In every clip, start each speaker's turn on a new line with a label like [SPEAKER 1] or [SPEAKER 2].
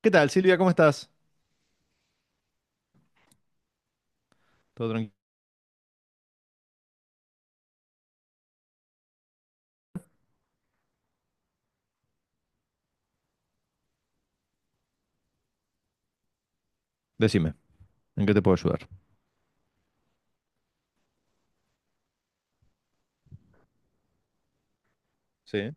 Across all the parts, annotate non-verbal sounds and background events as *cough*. [SPEAKER 1] ¿Qué tal, Silvia? ¿Cómo estás? Todo tranquilo. Decime, ¿en qué te puedo ayudar? Sí.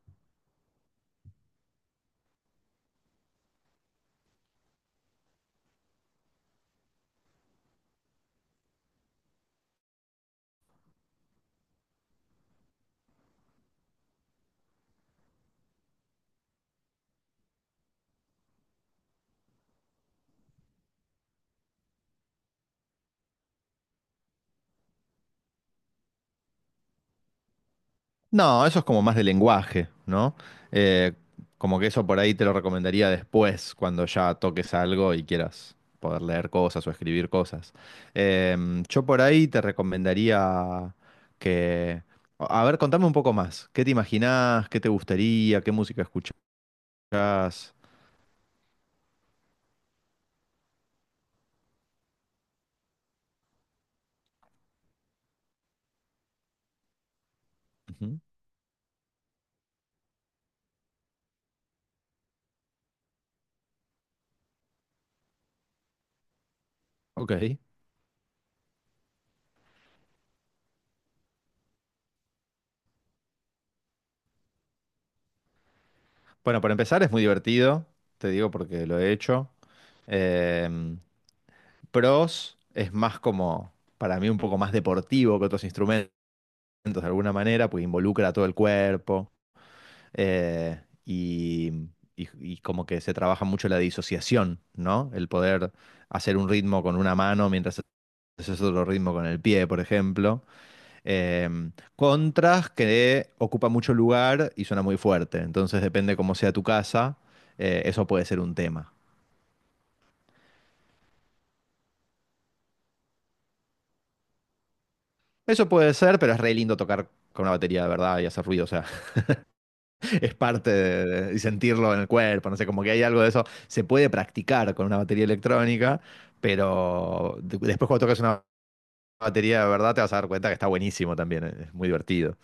[SPEAKER 1] No, eso es como más de lenguaje, ¿no? Eh, Como que eso por ahí te lo recomendaría después, cuando ya toques algo y quieras poder leer cosas o escribir cosas. Yo por ahí te recomendaría que... A ver, contame un poco más. ¿Qué te imaginás? ¿Qué te gustaría? ¿Qué música escuchás? Ujú. Ok. Bueno, para empezar es muy divertido, te digo porque lo he hecho. Em, Pros es más como, para mí, un poco más deportivo que otros instrumentos de alguna manera, porque involucra a todo el cuerpo eh, y, y como que se trabaja mucho la disociación, ¿no? El poder hacer un ritmo con una mano mientras haces otro ritmo con el pie, por ejemplo. Contras que ocupa mucho lugar y suena muy fuerte, entonces depende cómo sea tu casa, eso puede ser un tema. Eso puede ser, pero es re lindo tocar con una batería de verdad y hacer ruido, o sea, es parte y sentirlo en el cuerpo, no sé, como que hay algo de eso. Se puede practicar con una batería electrónica, pero después cuando tocas una batería de verdad te vas a dar cuenta que está buenísimo también, es muy divertido.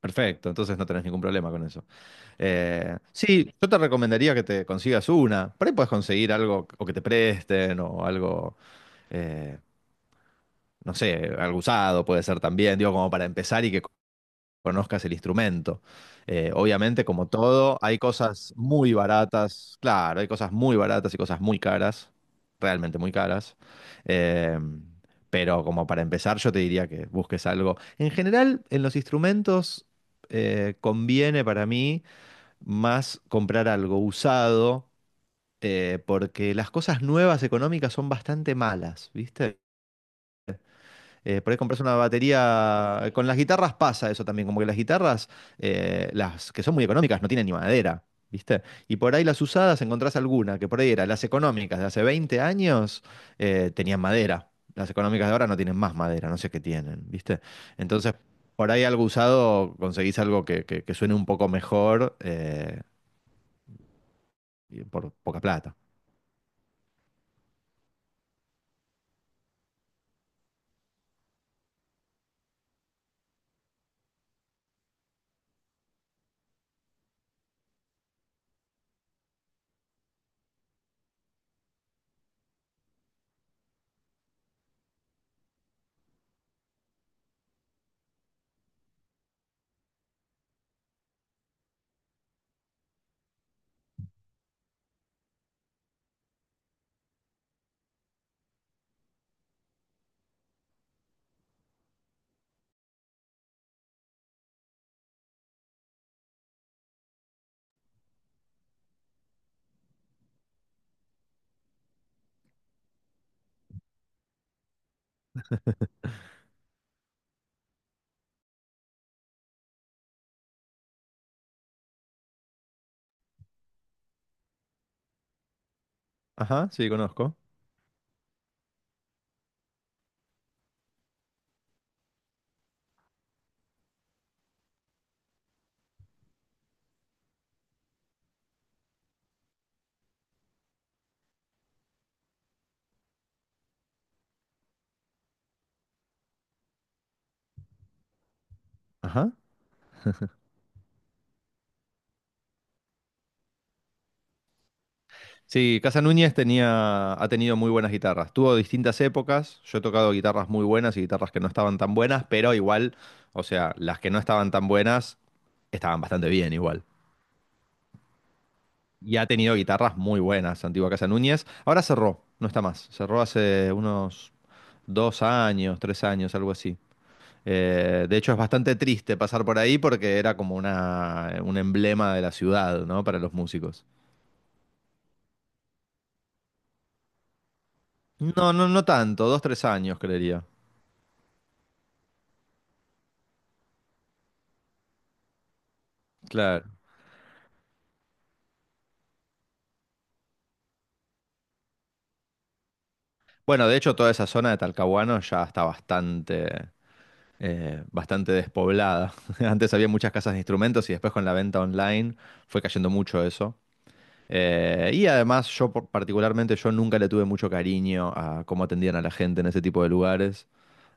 [SPEAKER 1] Perfecto, entonces no tenés ningún problema con eso. Sí, yo te recomendaría que te consigas una. Por ahí puedes conseguir algo o que te presten o algo, eh, no sé, algo usado puede ser también, digo, como para empezar y que conozcas el instrumento. Obviamente, como todo, hay cosas muy baratas, claro, hay cosas muy baratas y cosas muy caras, realmente muy caras. Eh, pero como para empezar, yo te diría que busques algo. En general, en los instrumentos conviene para mí más comprar algo usado, porque las cosas nuevas económicas son bastante malas, ¿viste? Por ahí compras una batería. Con las guitarras pasa eso también, como que las guitarras, las que son muy económicas, no tienen ni madera, ¿viste? Y por ahí las usadas encontrás alguna, que por ahí eran las económicas de hace 20 años, tenían madera. Las económicas de ahora no tienen más madera, no sé qué tienen, ¿viste? Entonces, por ahí algo usado conseguís algo que suene un poco mejor y por poca plata. Ajá, sí, conozco. Ajá. Sí, Casa Núñez tenía, ha tenido muy buenas guitarras. Tuvo distintas épocas. Yo he tocado guitarras muy buenas y guitarras que no estaban tan buenas, pero igual, o sea, las que no estaban tan buenas estaban bastante bien igual. Y ha tenido guitarras muy buenas, Antigua Casa Núñez. Ahora cerró, no está más. Cerró hace unos dos años, tres años, algo así. De hecho, es bastante triste pasar por ahí porque era como una, un emblema de la ciudad, ¿no? Para los músicos. No, no, no tanto, dos, tres años, creería. Claro. Bueno, de hecho, toda esa zona de Talcahuano ya está bastante, bastante despoblada. *laughs* Antes había muchas casas de instrumentos y después con la venta online fue cayendo mucho eso. Y además, particularmente, yo nunca le tuve mucho cariño a cómo atendían a la gente en ese tipo de lugares.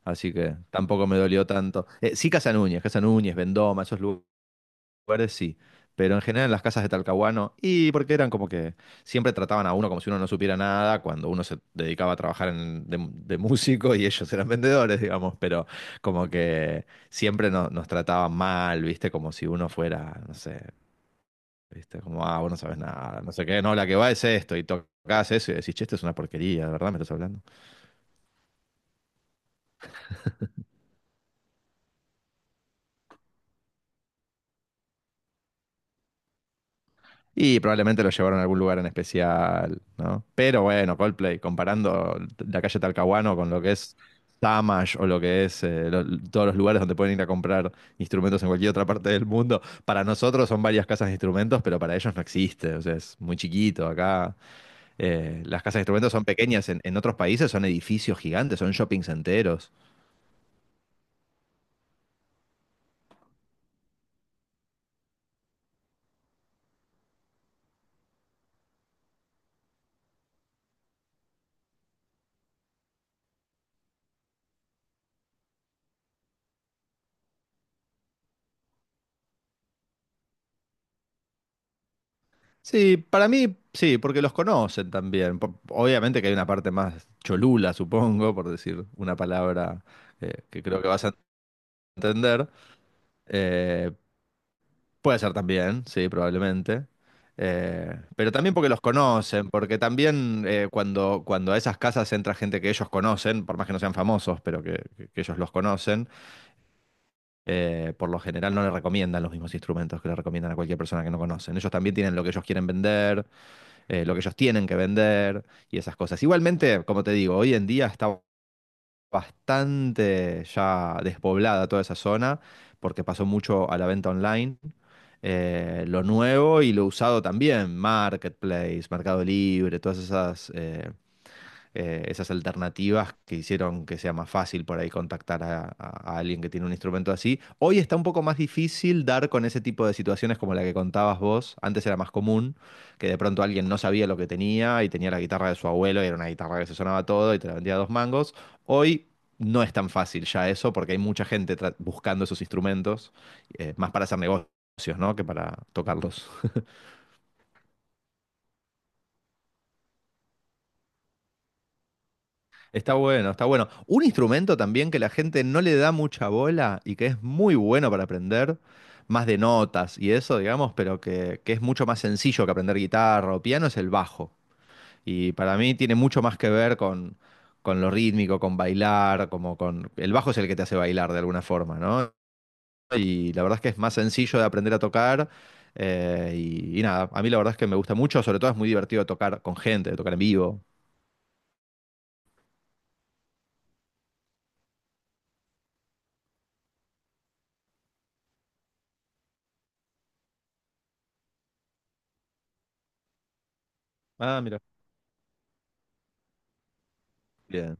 [SPEAKER 1] Así que tampoco me dolió tanto. Sí, Casa Núñez, Casa Núñez, Vendoma, esos lugares lugares sí, pero en general en las casas de Talcahuano, y porque eran como que siempre trataban a uno como si uno no supiera nada, cuando uno se dedicaba a trabajar de músico y ellos eran vendedores, digamos, pero como que siempre nos trataban mal, ¿viste? Como si uno fuera, no sé, ¿viste? Como, ah, vos no sabes nada, no sé qué, no, la que va es esto, y tocás eso y decís, che, esto es una porquería, ¿de verdad me estás hablando? Y probablemente lo llevaron a algún lugar en especial, ¿no? Pero bueno, Coldplay, comparando la calle Talcahuano con lo que es Tamash o lo que es todos los lugares donde pueden ir a comprar instrumentos en cualquier otra parte del mundo, para nosotros son varias casas de instrumentos, pero para ellos no existe, o sea, es muy chiquito acá. Las casas de instrumentos son pequeñas, en otros países son edificios gigantes, son shoppings enteros. Sí, para mí sí, porque los conocen también. Po- obviamente que hay una parte más cholula, supongo, por decir una palabra que creo que vas a entender. Eh, Puede ser también, sí, probablemente. Pero también porque los conocen, porque también cuando a esas casas entra gente que ellos conocen, por más que no sean famosos, pero que ellos los conocen, por lo general no le recomiendan los mismos instrumentos que le recomiendan a cualquier persona que no conocen. Ellos también tienen lo que ellos quieren vender lo que ellos tienen que vender y esas cosas. Igualmente, como te digo, hoy en día está bastante ya despoblada toda esa zona porque pasó mucho a la venta online. Lo nuevo y lo usado también, Marketplace, Mercado Libre, todas esas esas alternativas que hicieron que sea más fácil por ahí contactar a alguien que tiene un instrumento así. Hoy está un poco más difícil dar con ese tipo de situaciones como la que contabas vos. Antes era más común que de pronto alguien no sabía lo que tenía y tenía la guitarra de su abuelo y era una guitarra que se sonaba todo y te la vendía a dos mangos. Hoy no es tan fácil ya eso porque hay mucha gente buscando esos instrumentos, más para hacer negocios, ¿no? Que para tocarlos. Está bueno, está bueno. Un instrumento también que la gente no le da mucha bola y que es muy bueno para aprender, más de notas y eso, digamos, pero que es mucho más sencillo que aprender guitarra o piano, es el bajo. Y para mí tiene mucho más que ver con lo rítmico, con bailar, como con... El bajo es el que te hace bailar de alguna forma, ¿no? Y la verdad es que es más sencillo de aprender a tocar. Y nada, a mí la verdad es que me gusta mucho, sobre todo es muy divertido tocar con gente, tocar en vivo. Ah, mira. Bien.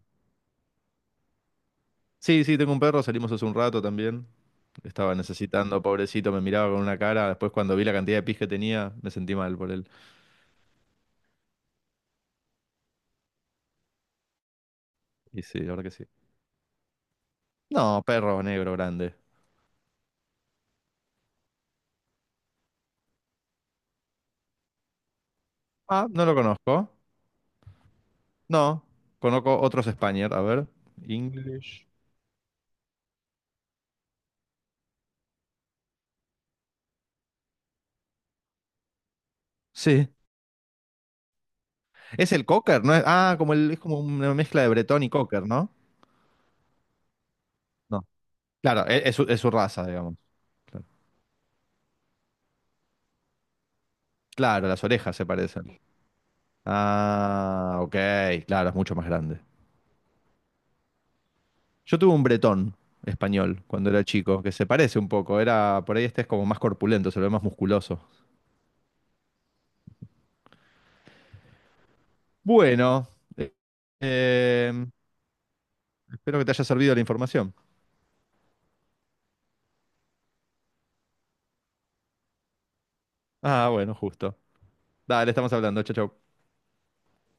[SPEAKER 1] Sí, sí, tengo un perro, salimos hace un rato también. Estaba necesitando, pobrecito, me miraba con una cara. Después cuando vi la cantidad de pis que tenía, me sentí mal por él. Y sí, la verdad que sí. No, perro negro grande. Ah, no lo conozco. No, conozco otros Spaniel. A ver, English. Sí, es el Cocker, ¿no? Ah, como el, es como una mezcla de Bretón y Cocker, ¿no? No. Claro, es su raza, digamos. Claro. Claro, las orejas se parecen. Ah, ok, claro, es mucho más grande. Yo tuve un bretón español cuando era chico, que se parece un poco. Era, por ahí este es como más corpulento, se lo ve más musculoso. Bueno, eh, eh, espero que te haya servido la información. Ah, bueno, justo. Dale, estamos hablando. Chau, chau.